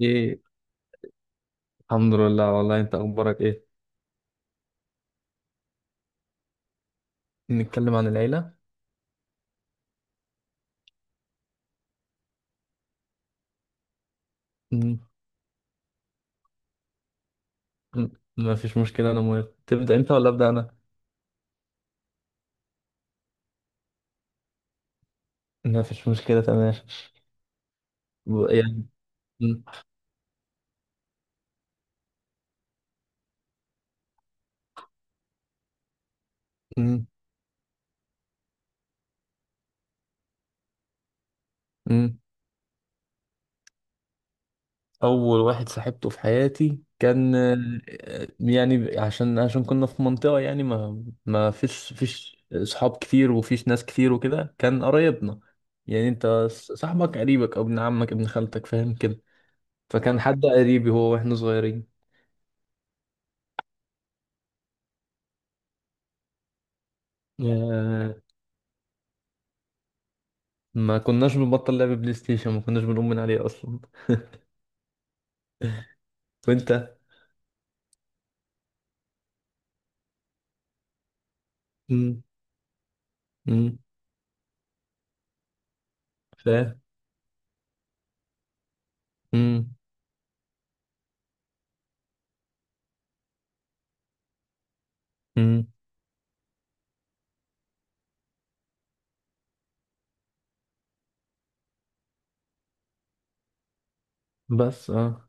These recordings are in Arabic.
ايه، الحمد لله. والله انت اخبارك ايه؟ نتكلم عن العيلة. م- م- ما فيش مشكلة، انا موافق. تبدأ انت ولا ابدأ انا؟ ما فيش مشكلة، تمام. يعني، م- م- م. اول واحد صاحبته في حياتي كان. يعني عشان كنا في منطقة، يعني ما فيش صحاب كتير، وفيش ناس كتير، وكده كان قرايبنا. يعني انت صاحبك قريبك، او ابن عمك، ابن خالتك، فاهم كده. فكان حد قريبي هو واحنا صغيرين آه، ما كناش بنبطل لعب بلاي ستيشن، ما كناش بنقوم من عليه اصلا. وانت؟ امم امم فاهم. امم امم بس. اه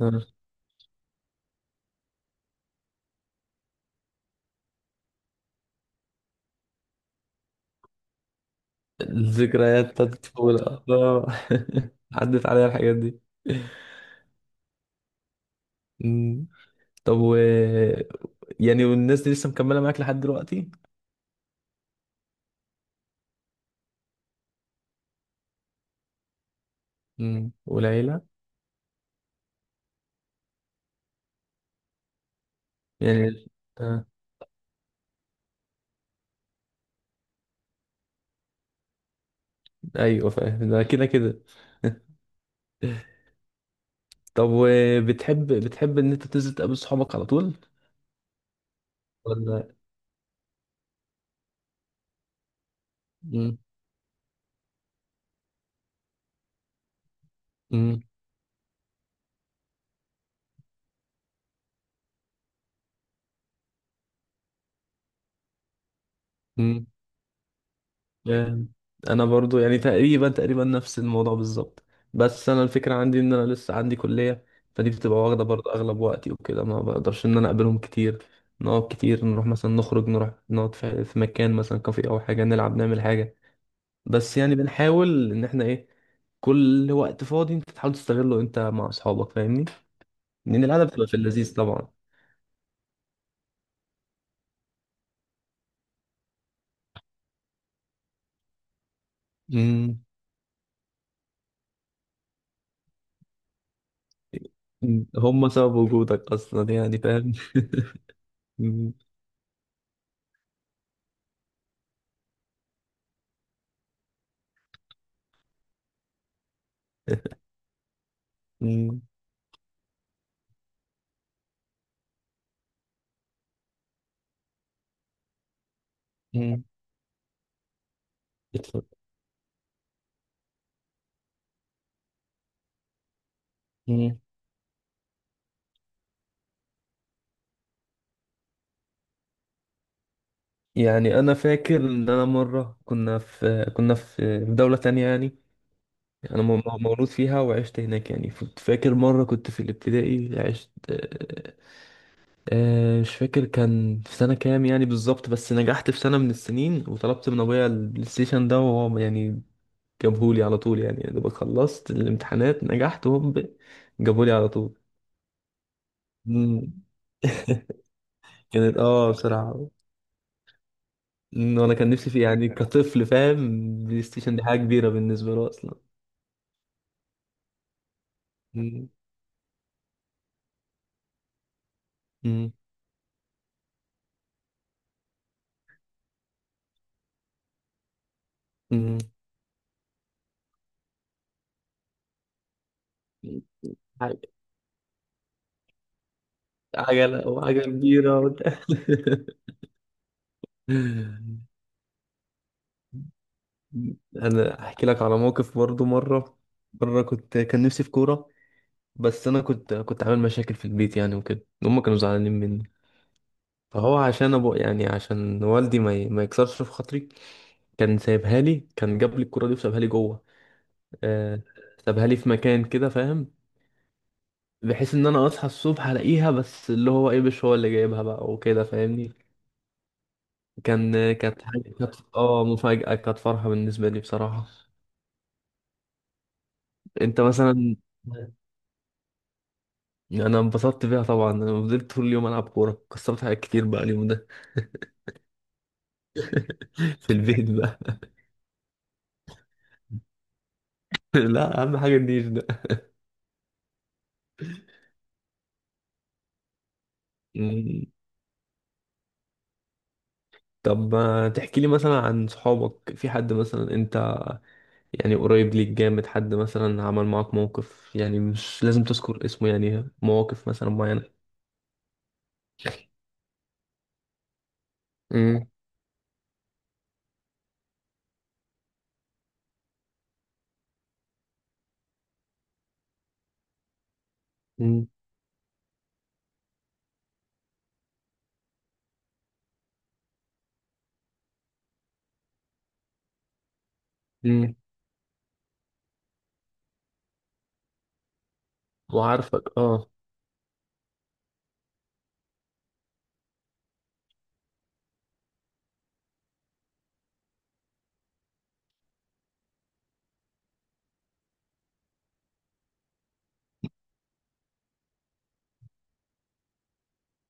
آه. الذكريات بتاعت الطفولة. عدت عليا الحاجات دي امم طب، و، يعني، والناس دي لسه مكملة معاك لحد دلوقتي؟ والعيلة، يعني آه. ايوه، فاهم ده، كده كده. طب، وبتحب بتحب ان انت تنزل تقابل صحابك على طول ولا؟ امم امم جامد. انا برضو يعني تقريبا، تقريبا نفس الموضوع بالظبط. بس انا الفكره عندي ان انا لسه عندي كليه، فدي بتبقى واخده برضو اغلب وقتي وكده، ما بقدرش ان انا اقابلهم كتير. نقعد كتير، نروح مثلا، نخرج، نروح نقعد في مكان مثلا كافيه او حاجه، نلعب، نعمل حاجه. بس يعني بنحاول ان احنا ايه، كل وقت فاضي انت تحاول تستغله انت مع اصحابك، فاهمني. لان القعده بتبقى في اللذيذ طبعا امم مم. هم سبب وجودك اصلا، يعني، فاهم. مم. امم امم اتفضل. يعني انا فاكر ان انا مره كنا في دوله تانية، يعني انا مولود فيها، وعشت هناك. يعني كنت فاكر مره كنت في الابتدائي عشت. مش فاكر كان في سنه كام يعني بالظبط، بس نجحت في سنه من السنين وطلبت من ابويا البلاي ستيشن ده، وهو يعني جابهولي على طول. يعني يا دوبك خلصت الامتحانات نجحت، وهم جابهولي على طول. مم. كانت بصراحه إن انا كان نفسي فيه، يعني كطفل فاهم. بلاي ستيشن دي حاجه كبيره بالنسبه له اصلا. مم. مم. مم. عج- عجلة، وعجلة كبيرة، أنا أحكي لك على موقف برضو مرة. مرة كان نفسي في كورة. بس أنا كنت عامل مشاكل في البيت، يعني وكده هما كانوا زعلانين مني. فهو عشان يعني، عشان والدي، ما يكسرش في خاطري، كان جاب لي الكورة دي وسابها لي جوه آه، سابها لي في مكان كده، فاهم. بحيث ان انا اصحى الصبح الاقيها، بس اللي هو ايه، مش هو اللي جايبها بقى وكده، فاهمني. كانت مفاجأة، كانت فرحة بالنسبة لي بصراحة. انت مثلا؟ انا انبسطت بيها طبعا، انا فضلت طول اليوم العب كورة، كسرت حاجات كتير بقى اليوم ده. في البيت بقى. لا، اهم حاجة النيش ده. مم. طب ما تحكي لي مثلا عن صحابك، في حد مثلا انت يعني قريب ليك جامد، حد مثلا عمل معاك موقف، يعني مش لازم تذكر اسمه، يعني مواقف مثلا معينة. امم امم وعارفك، اه.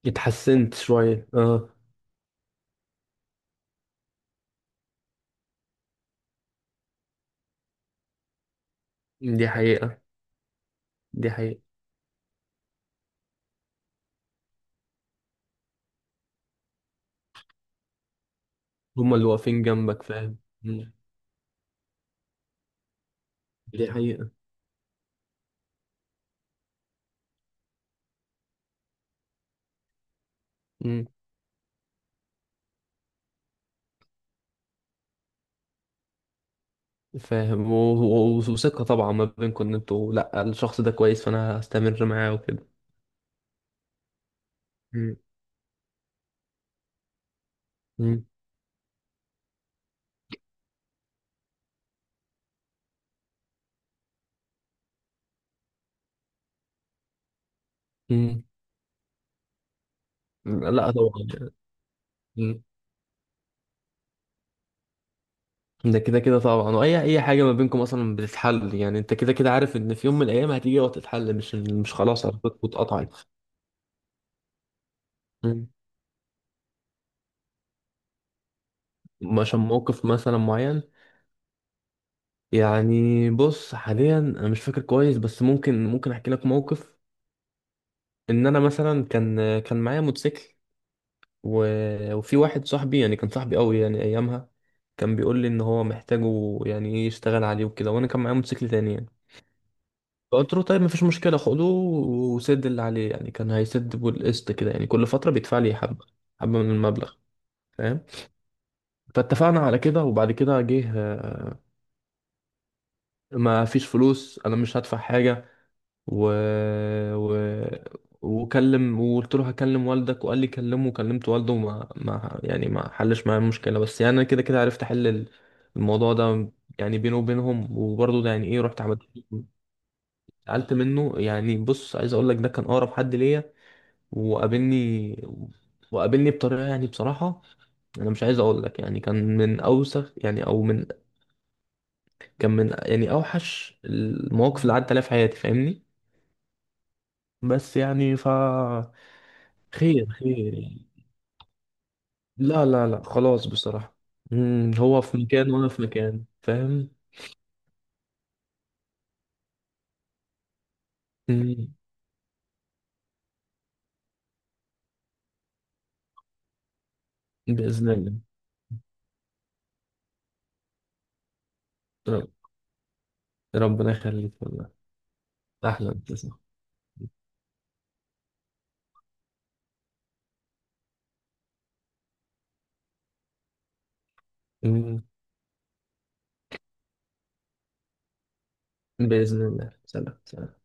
اتحسنت شوية، اه. دي حقيقة. دي حقيقة. هما اللي واقفين جنبك، فاهم. مم. دي حقيقة. مم. فاهم. وثقة طبعا ما بينكم، ان انتوا لا، الشخص ده كويس فانا هستمر معاه وكده. مم. مم. مم. لا طبعا، يعني. مم. ده كده كده طبعا، واي حاجة ما بينكم اصلا بتتحل. يعني انت كده كده عارف ان في يوم من الايام هتيجي وتتحل، مش خلاص علاقتكم اتقطعت. مم. عشان موقف مثلا معين؟ يعني بص، حاليا انا مش فاكر كويس، بس ممكن احكي لك موقف. ان انا مثلا كان معايا موتوسيكل، و... وفي واحد صاحبي، يعني كان صاحبي قوي يعني ايامها، كان بيقول لي ان هو محتاجه، يعني ايه، يشتغل عليه وكده. وانا كان معايا موتوسيكل تاني يعني، فقلت له طيب مفيش مشكله، خده وسد اللي عليه. يعني كان هيسد بالقسط كده، يعني كل فتره بيدفع لي حبه حبه من المبلغ، فاهم. فاتفقنا على كده. وبعد كده جه. ما فيش فلوس، انا مش هدفع حاجه. و... و... وقلت له هكلم والدك، وقال لي كلمه، وكلمت والده، وما ما يعني، ما حلش معايا المشكله، بس يعني انا كده كده عرفت احل الموضوع ده. يعني بينه وبينهم، وبرضه ده يعني ايه رحت عملت، سألت منه. يعني بص، عايز اقول لك ده كان اقرب حد ليا، وقابلني وقابلني بطريقه يعني بصراحه، انا مش عايز اقول لك، يعني كان من اوسخ، يعني او من، كان من يعني اوحش المواقف اللي عدت عليها في حياتي، فاهمني. بس، يعني. خير، خير، يعني. لا، لا، لا، خلاص بصراحة. هو في مكان وأنا في مكان، فاهم. مم. بإذن الله. رب- ربنا يخليك والله. أحلى ابتسامة. مم. بإذن الله. سلام، سلام.